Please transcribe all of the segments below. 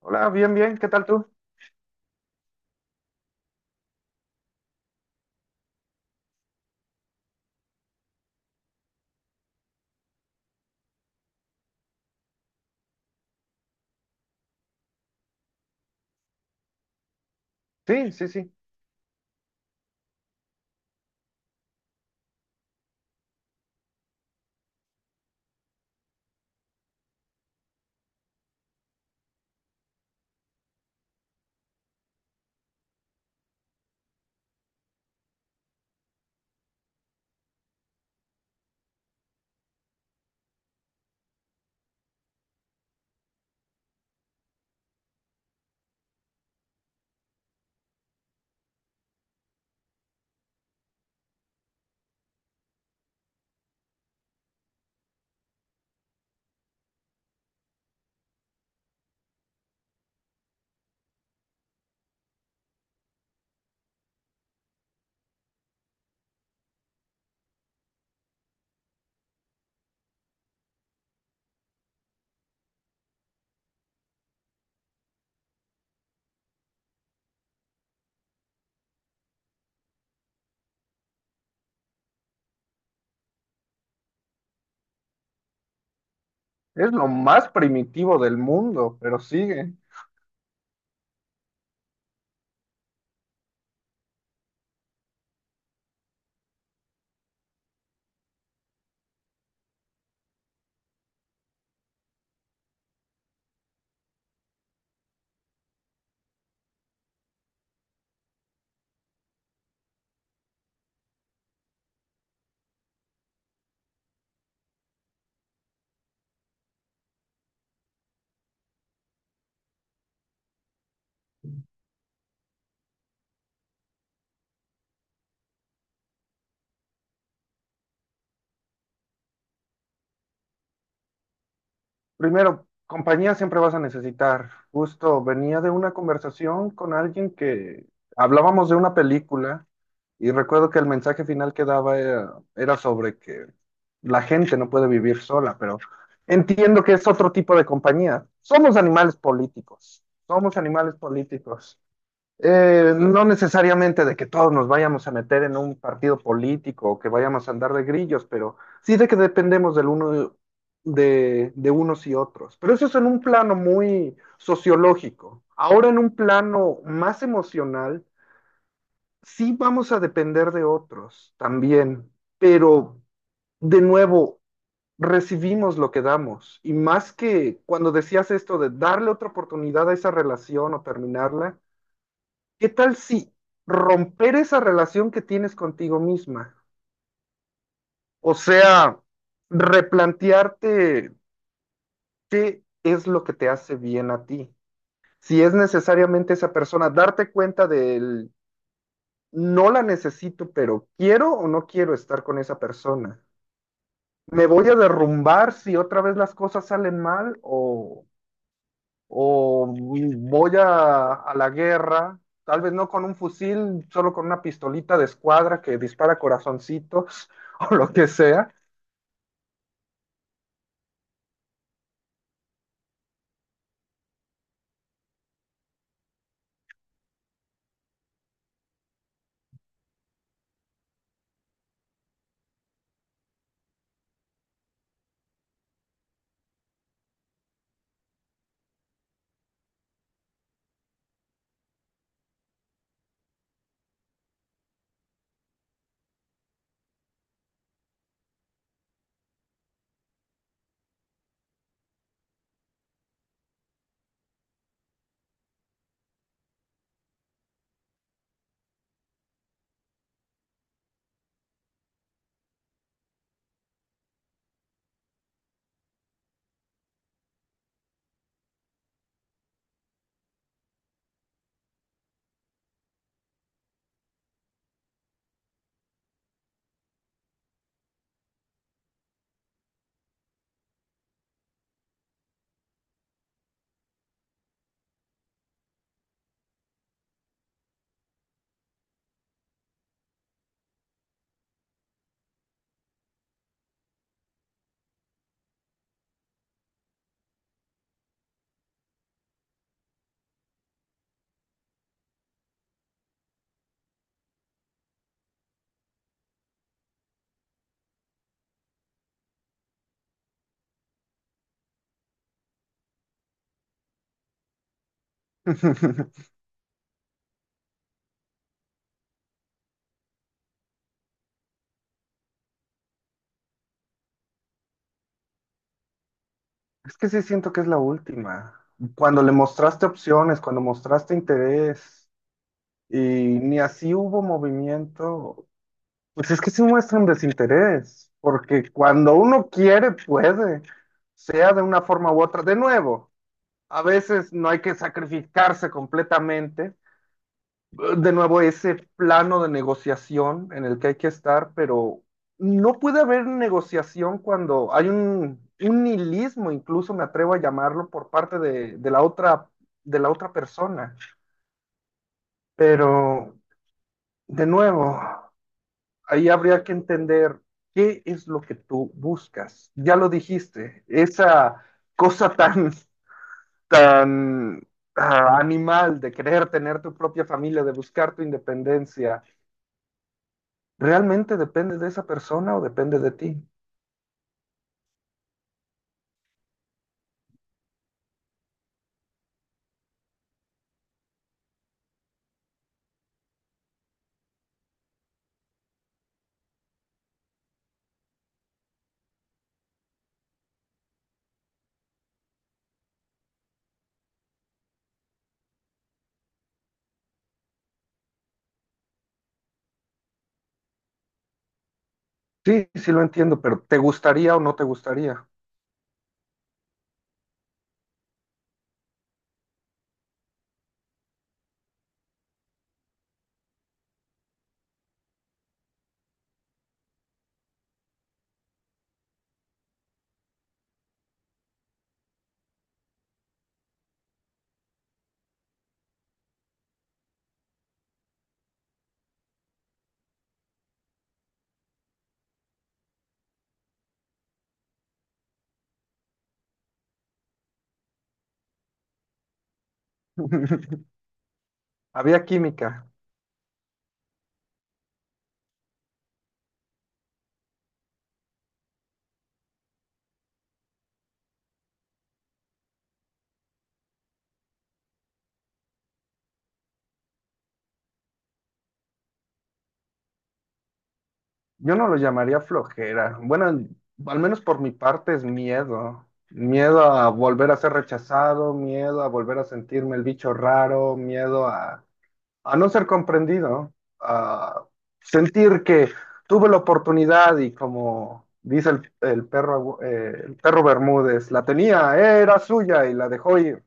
Hola, bien, bien, ¿qué tal tú? Sí, sí, sí. Es lo más primitivo del mundo, pero sigue. Primero, compañía siempre vas a necesitar. Justo venía de una conversación con alguien que hablábamos de una película y recuerdo que el mensaje final que daba era sobre que la gente no puede vivir sola, pero entiendo que es otro tipo de compañía. Somos animales políticos. Somos animales políticos. No necesariamente de que todos nos vayamos a meter en un partido político o que vayamos a andar de grillos, pero sí de que dependemos del uno de unos y otros. Pero eso es en un plano muy sociológico. Ahora en un plano más emocional, sí vamos a depender de otros también, pero de nuevo recibimos lo que damos. Y más que cuando decías esto de darle otra oportunidad a esa relación o terminarla, ¿qué tal si romper esa relación que tienes contigo misma? O sea, replantearte qué es lo que te hace bien a ti. Si es necesariamente esa persona, darte cuenta del no la necesito, pero quiero o no quiero estar con esa persona. ¿Me voy a derrumbar si otra vez las cosas salen mal o voy a la guerra, tal vez no con un fusil, solo con una pistolita de escuadra que dispara corazoncitos o lo que sea? Es que sí siento que es la última. Cuando le mostraste opciones, cuando mostraste interés y ni así hubo movimiento, pues es que sí muestra un desinterés, porque cuando uno quiere, puede, sea de una forma u otra. De nuevo, a veces no hay que sacrificarse completamente, de nuevo ese plano de negociación en el que hay que estar, pero no puede haber negociación cuando hay un nihilismo, incluso me atrevo a llamarlo, por parte de la otra, de la otra persona. Pero, de nuevo, ahí habría que entender qué es lo que tú buscas. Ya lo dijiste, esa cosa tan, tan animal de querer tener tu propia familia, de buscar tu independencia. ¿Realmente depende de esa persona o depende de ti? Sí, sí lo entiendo, pero ¿te gustaría o no te gustaría? Había química. Yo no lo llamaría flojera. Bueno, al menos por mi parte es miedo. Miedo a volver a ser rechazado, miedo a volver a sentirme el bicho raro, miedo a no ser comprendido, a sentir que tuve la oportunidad y como dice el perro, el perro Bermúdez, la tenía, era suya y la dejó ir.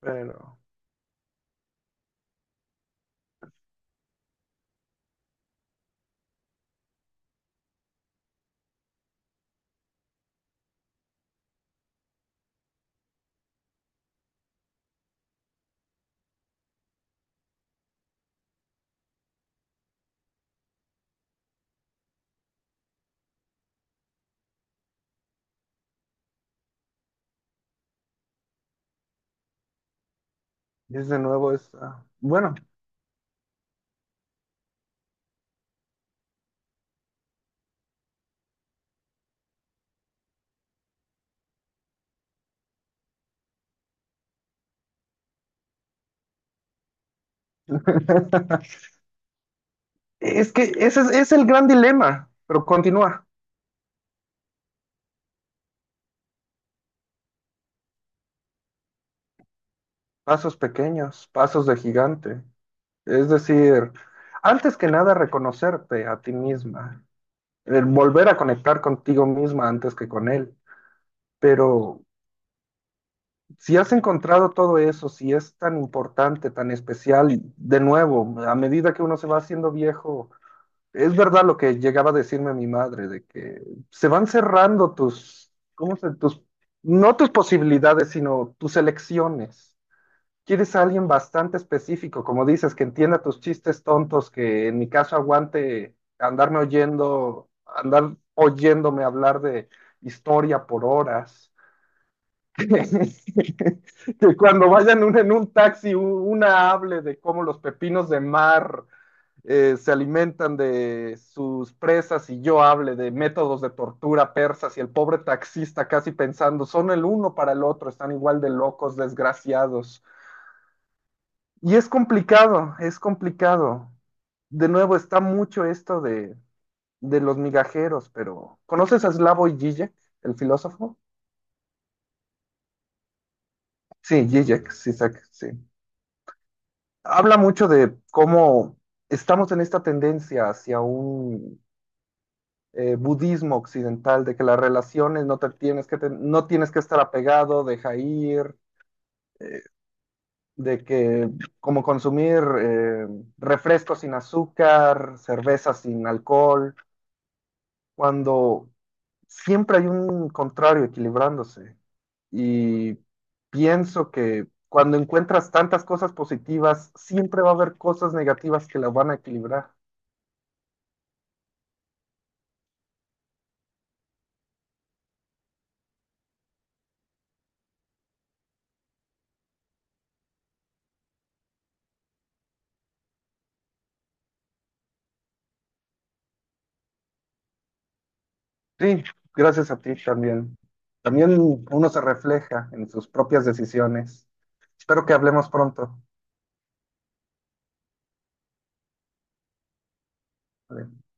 Pero es de nuevo esta. Bueno, es que ese es el gran dilema, pero continúa. Pasos pequeños, pasos de gigante. Es decir, antes que nada reconocerte a ti misma, el volver a conectar contigo misma antes que con él. Pero si has encontrado todo eso, si es tan importante, tan especial, y de nuevo, a medida que uno se va haciendo viejo, es verdad lo que llegaba a decirme mi madre, de que se van cerrando tus, ¿cómo se, tus, no tus posibilidades, sino tus elecciones? Quieres a alguien bastante específico, como dices, que entienda tus chistes tontos, que en mi caso aguante andarme oyendo, andar oyéndome hablar de historia por horas. Que cuando vayan un- en un taxi u- una hable de cómo los pepinos de mar se alimentan de sus presas y yo hable de métodos de tortura persas y el pobre taxista casi pensando, son el uno para el otro, están igual de locos, desgraciados. Y es complicado, es complicado. De nuevo, está mucho esto de los migajeros, pero ¿conoces a Slavoj Žižek, el filósofo? Sí, Žižek, sí, sí. Habla mucho de cómo estamos en esta tendencia hacia un budismo occidental, de que las relaciones no, te tienes, que te- no tienes que estar apegado, deja ir, eh, de que como consumir refrescos sin azúcar, cerveza sin alcohol, cuando siempre hay un contrario equilibrándose. Y pienso que cuando encuentras tantas cosas positivas, siempre va a haber cosas negativas que las van a equilibrar. Sí, gracias a ti también. También uno se refleja en sus propias decisiones. Espero que hablemos pronto. Vale.